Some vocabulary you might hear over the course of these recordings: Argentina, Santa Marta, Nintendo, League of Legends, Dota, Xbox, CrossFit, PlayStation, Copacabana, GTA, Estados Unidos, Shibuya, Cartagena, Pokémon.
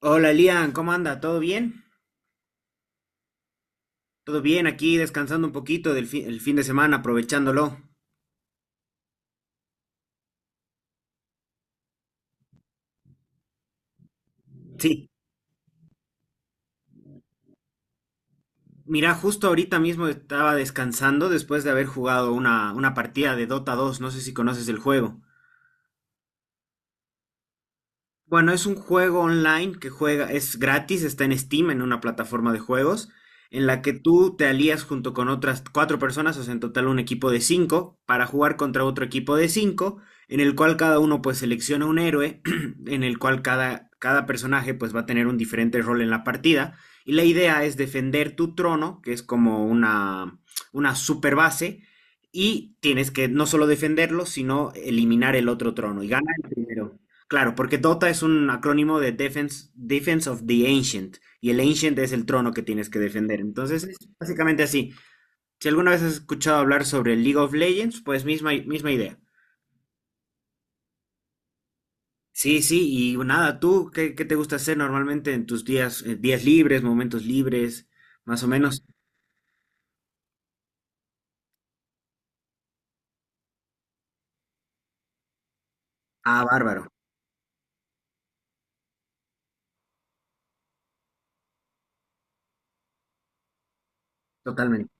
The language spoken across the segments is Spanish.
Hola Lian, ¿cómo anda? ¿Todo bien? Todo bien, aquí descansando un poquito del el fin de semana, aprovechándolo. Sí, mira, justo ahorita mismo estaba descansando después de haber jugado una partida de Dota 2. No sé si conoces el juego. Bueno, es un juego online que juega, es gratis, está en Steam, en una plataforma de juegos, en la que tú te alías junto con otras cuatro personas, o sea, en total un equipo de cinco, para jugar contra otro equipo de cinco, en el cual cada uno pues selecciona un héroe, en el cual cada personaje pues va a tener un diferente rol en la partida, y la idea es defender tu trono, que es como una super base, y tienes que no solo defenderlo, sino eliminar el otro trono, y gana el primero. Claro, porque Dota es un acrónimo de Defense of the Ancient, y el Ancient es el trono que tienes que defender. Entonces, es básicamente así. Si alguna vez has escuchado hablar sobre League of Legends, pues misma idea. Sí, sí, y nada, ¿tú qué te gusta hacer normalmente en tus días libres, momentos libres, más o menos? Ah, bárbaro, totalmente.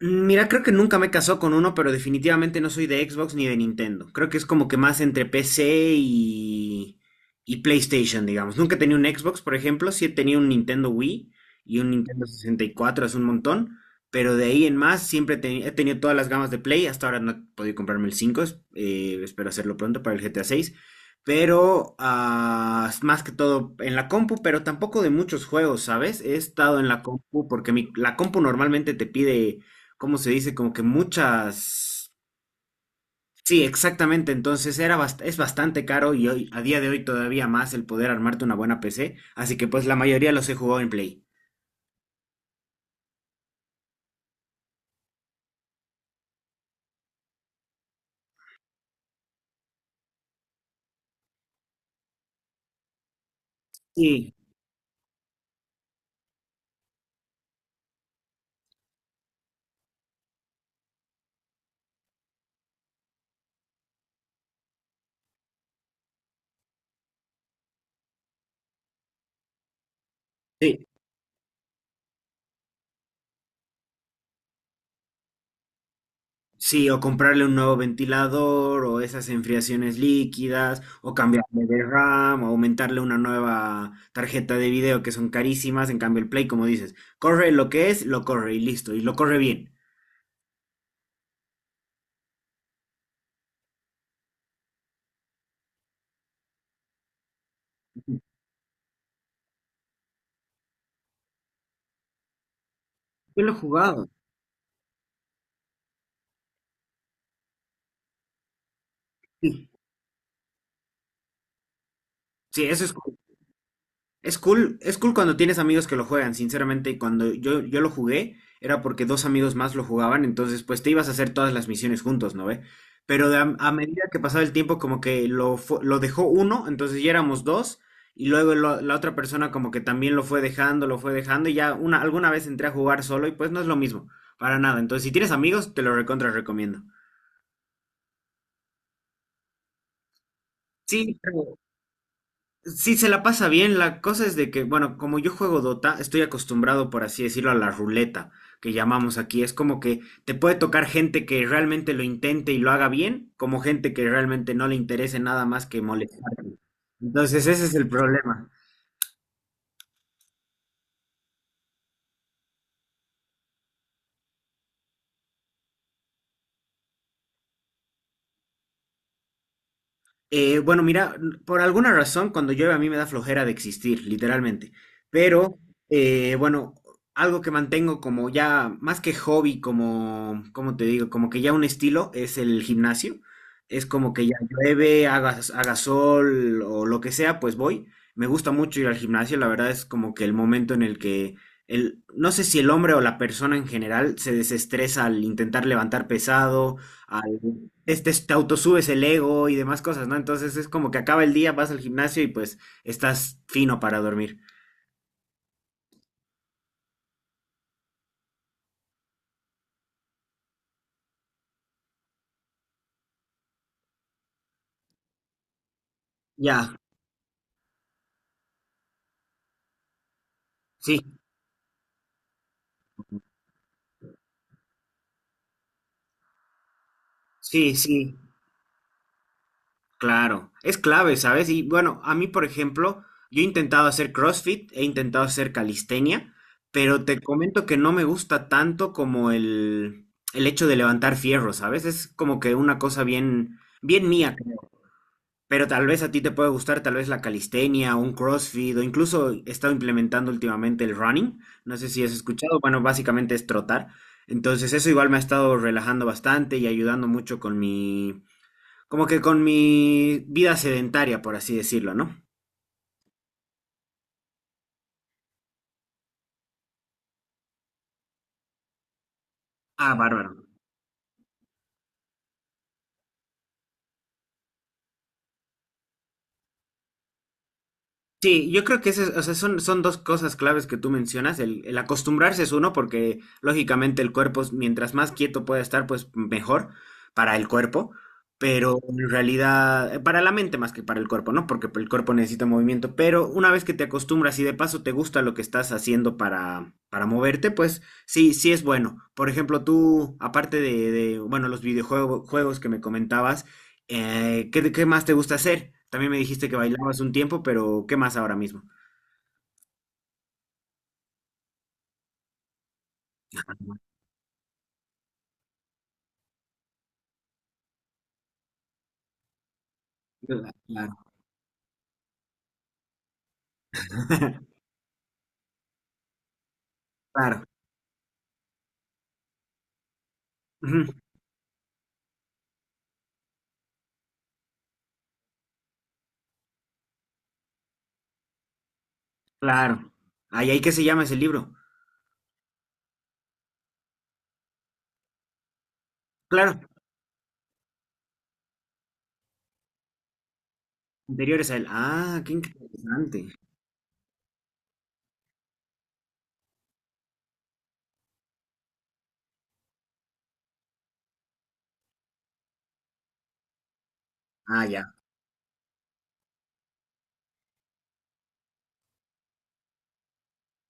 Mira, creo que nunca me he casado con uno, pero definitivamente no soy de Xbox ni de Nintendo. Creo que es como que más entre PC y PlayStation, digamos. Nunca he tenido un Xbox, por ejemplo, sí he tenido un Nintendo Wii y un Nintendo 64, es un montón, pero de ahí en más siempre he tenido todas las gamas de Play. Hasta ahora no he podido comprarme el 5, espero hacerlo pronto para el GTA 6. Pero más que todo en la compu, pero tampoco de muchos juegos, ¿sabes? He estado en la compu porque la compu normalmente te pide, ¿cómo se dice? Como que muchas... Sí, exactamente. Entonces es bastante caro y hoy, a día de hoy todavía más el poder armarte una buena PC. Así que pues la mayoría los he jugado en Play. Sí, sí, sí, o comprarle un nuevo ventilador o esas enfriaciones líquidas o cambiarle de RAM o aumentarle una nueva tarjeta de video que son carísimas. En cambio el Play, como dices, corre lo que es, lo corre y listo. Y lo corre bien. Yo lo he jugado. Sí, sí, eso es cool cuando tienes amigos que lo juegan, sinceramente, cuando yo lo jugué era porque dos amigos más lo jugaban, entonces pues te ibas a hacer todas las misiones juntos, ¿no ve? Pero de a medida que pasaba el tiempo como que lo dejó uno, entonces ya éramos dos, y luego la otra persona como que también lo fue dejando, y ya alguna vez entré a jugar solo y pues no es lo mismo, para nada. Entonces si tienes amigos, te lo recontra recomiendo. Sí, sí, se la pasa bien. La cosa es de que, bueno, como yo juego Dota, estoy acostumbrado, por así decirlo, a la ruleta que llamamos aquí. Es como que te puede tocar gente que realmente lo intente y lo haga bien, como gente que realmente no le interese nada más que molestarte. Entonces, ese es el problema. Bueno, mira, por alguna razón, cuando llueve a mí me da flojera de existir, literalmente. Pero, bueno, algo que mantengo como ya, más que hobby, como, ¿cómo te digo? Como que ya un estilo es el gimnasio. Es como que ya llueve, haga sol o lo que sea, pues voy. Me gusta mucho ir al gimnasio, la verdad es como que el momento en el que no sé si el hombre o la persona en general se desestresa al intentar levantar pesado, al te autosubes el ego y demás cosas, ¿no? Entonces es como que acaba el día, vas al gimnasio y pues estás fino para dormir. Ya, sí, sí, sí. Claro, es clave, ¿sabes? Y bueno, a mí, por ejemplo, yo he intentado hacer CrossFit, he intentado hacer calistenia, pero te comento que no me gusta tanto como el hecho de levantar fierro, ¿sabes? Es como que una cosa bien, bien mía. Pero tal vez a ti te puede gustar tal vez la calistenia, un CrossFit o incluso he estado implementando últimamente el running. No sé si has escuchado, bueno, básicamente es trotar. Entonces eso igual me ha estado relajando bastante y ayudando mucho como que con mi vida sedentaria, por así decirlo, ¿no? Ah, bárbaro. Sí, yo creo que o sea, son dos cosas claves que tú mencionas. El acostumbrarse es uno, porque lógicamente el cuerpo, mientras más quieto pueda estar, pues mejor para el cuerpo. Pero en realidad, para la mente más que para el cuerpo, ¿no? Porque el cuerpo necesita movimiento. Pero una vez que te acostumbras y de paso te gusta lo que estás haciendo para, moverte, pues sí, sí es bueno. Por ejemplo, tú, aparte bueno, los videojuegos juegos que me comentabas, ¿qué más te gusta hacer? También me dijiste que bailabas un tiempo, pero ¿qué más ahora mismo? Claro, claro, ujú, claro. Ay, ay, ¿qué se llama ese libro? Claro, anteriores a él. Ah, qué interesante. Ah, ya.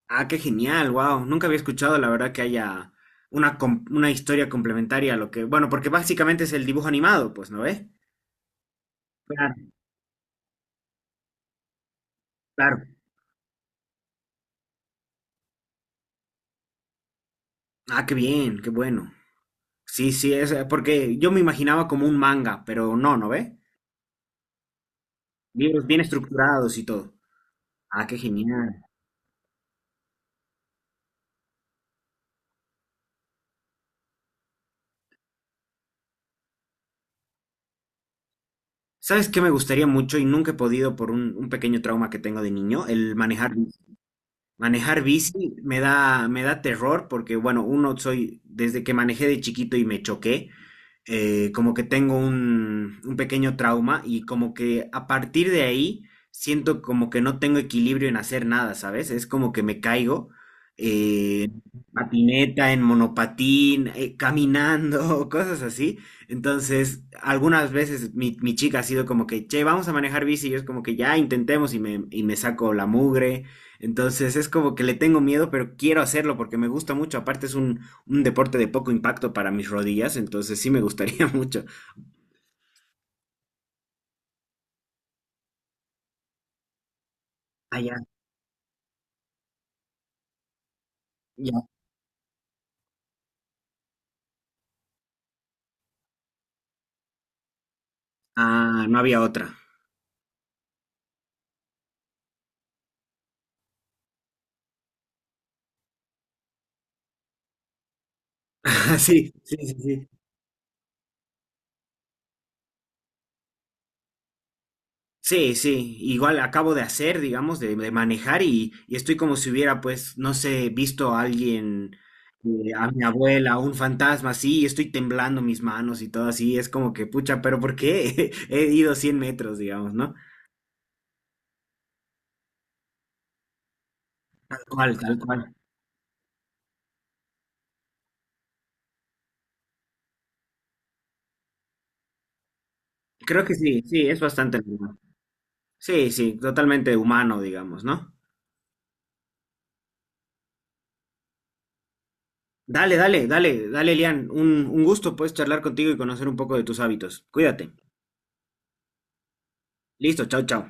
Ah, qué genial, wow. Nunca había escuchado, la verdad, que haya una historia complementaria a lo que. Bueno, porque básicamente es el dibujo animado, pues, ¿no ves? Claro, claro. Ah, qué bien, qué bueno. Sí, sí, es porque yo me imaginaba como un manga, pero no, ¿no ve? Libros bien estructurados y todo. Ah, qué genial. ¿Sabes qué me gustaría mucho y nunca he podido por un pequeño trauma que tengo de niño? El manejar bici. Manejar bici me da terror porque, bueno, uno soy, desde que manejé de chiquito y me choqué, como que tengo un pequeño trauma y como que a partir de ahí siento como que no tengo equilibrio en hacer nada, ¿sabes? Es como que me caigo eh, en patineta, en monopatín, caminando, cosas así. Entonces, algunas veces mi chica ha sido como que, che, vamos a manejar bici, y yo es como que ya intentemos y me saco la mugre. Entonces es como que le tengo miedo, pero quiero hacerlo porque me gusta mucho. Aparte es un deporte de poco impacto para mis rodillas, entonces sí me gustaría mucho. Ah, ya, ya. Ah, no había otra. Sí, sí, sí, sí. Sí, sí, igual acabo de hacer, digamos, de manejar y estoy como si hubiera, pues, no sé, visto a alguien, a mi abuela, un fantasma, así, y estoy temblando mis manos y todo así, es como que, pucha, pero ¿por qué? He ido 100 metros, digamos, ¿no? Tal cual, tal cual. Creo que sí, sí, es bastante normal. Sí, sí, totalmente humano, digamos, ¿no? Dale, dale, dale, dale, Lian. Un gusto, pues, charlar contigo y conocer un poco de tus hábitos. Cuídate. Listo, chao, chao.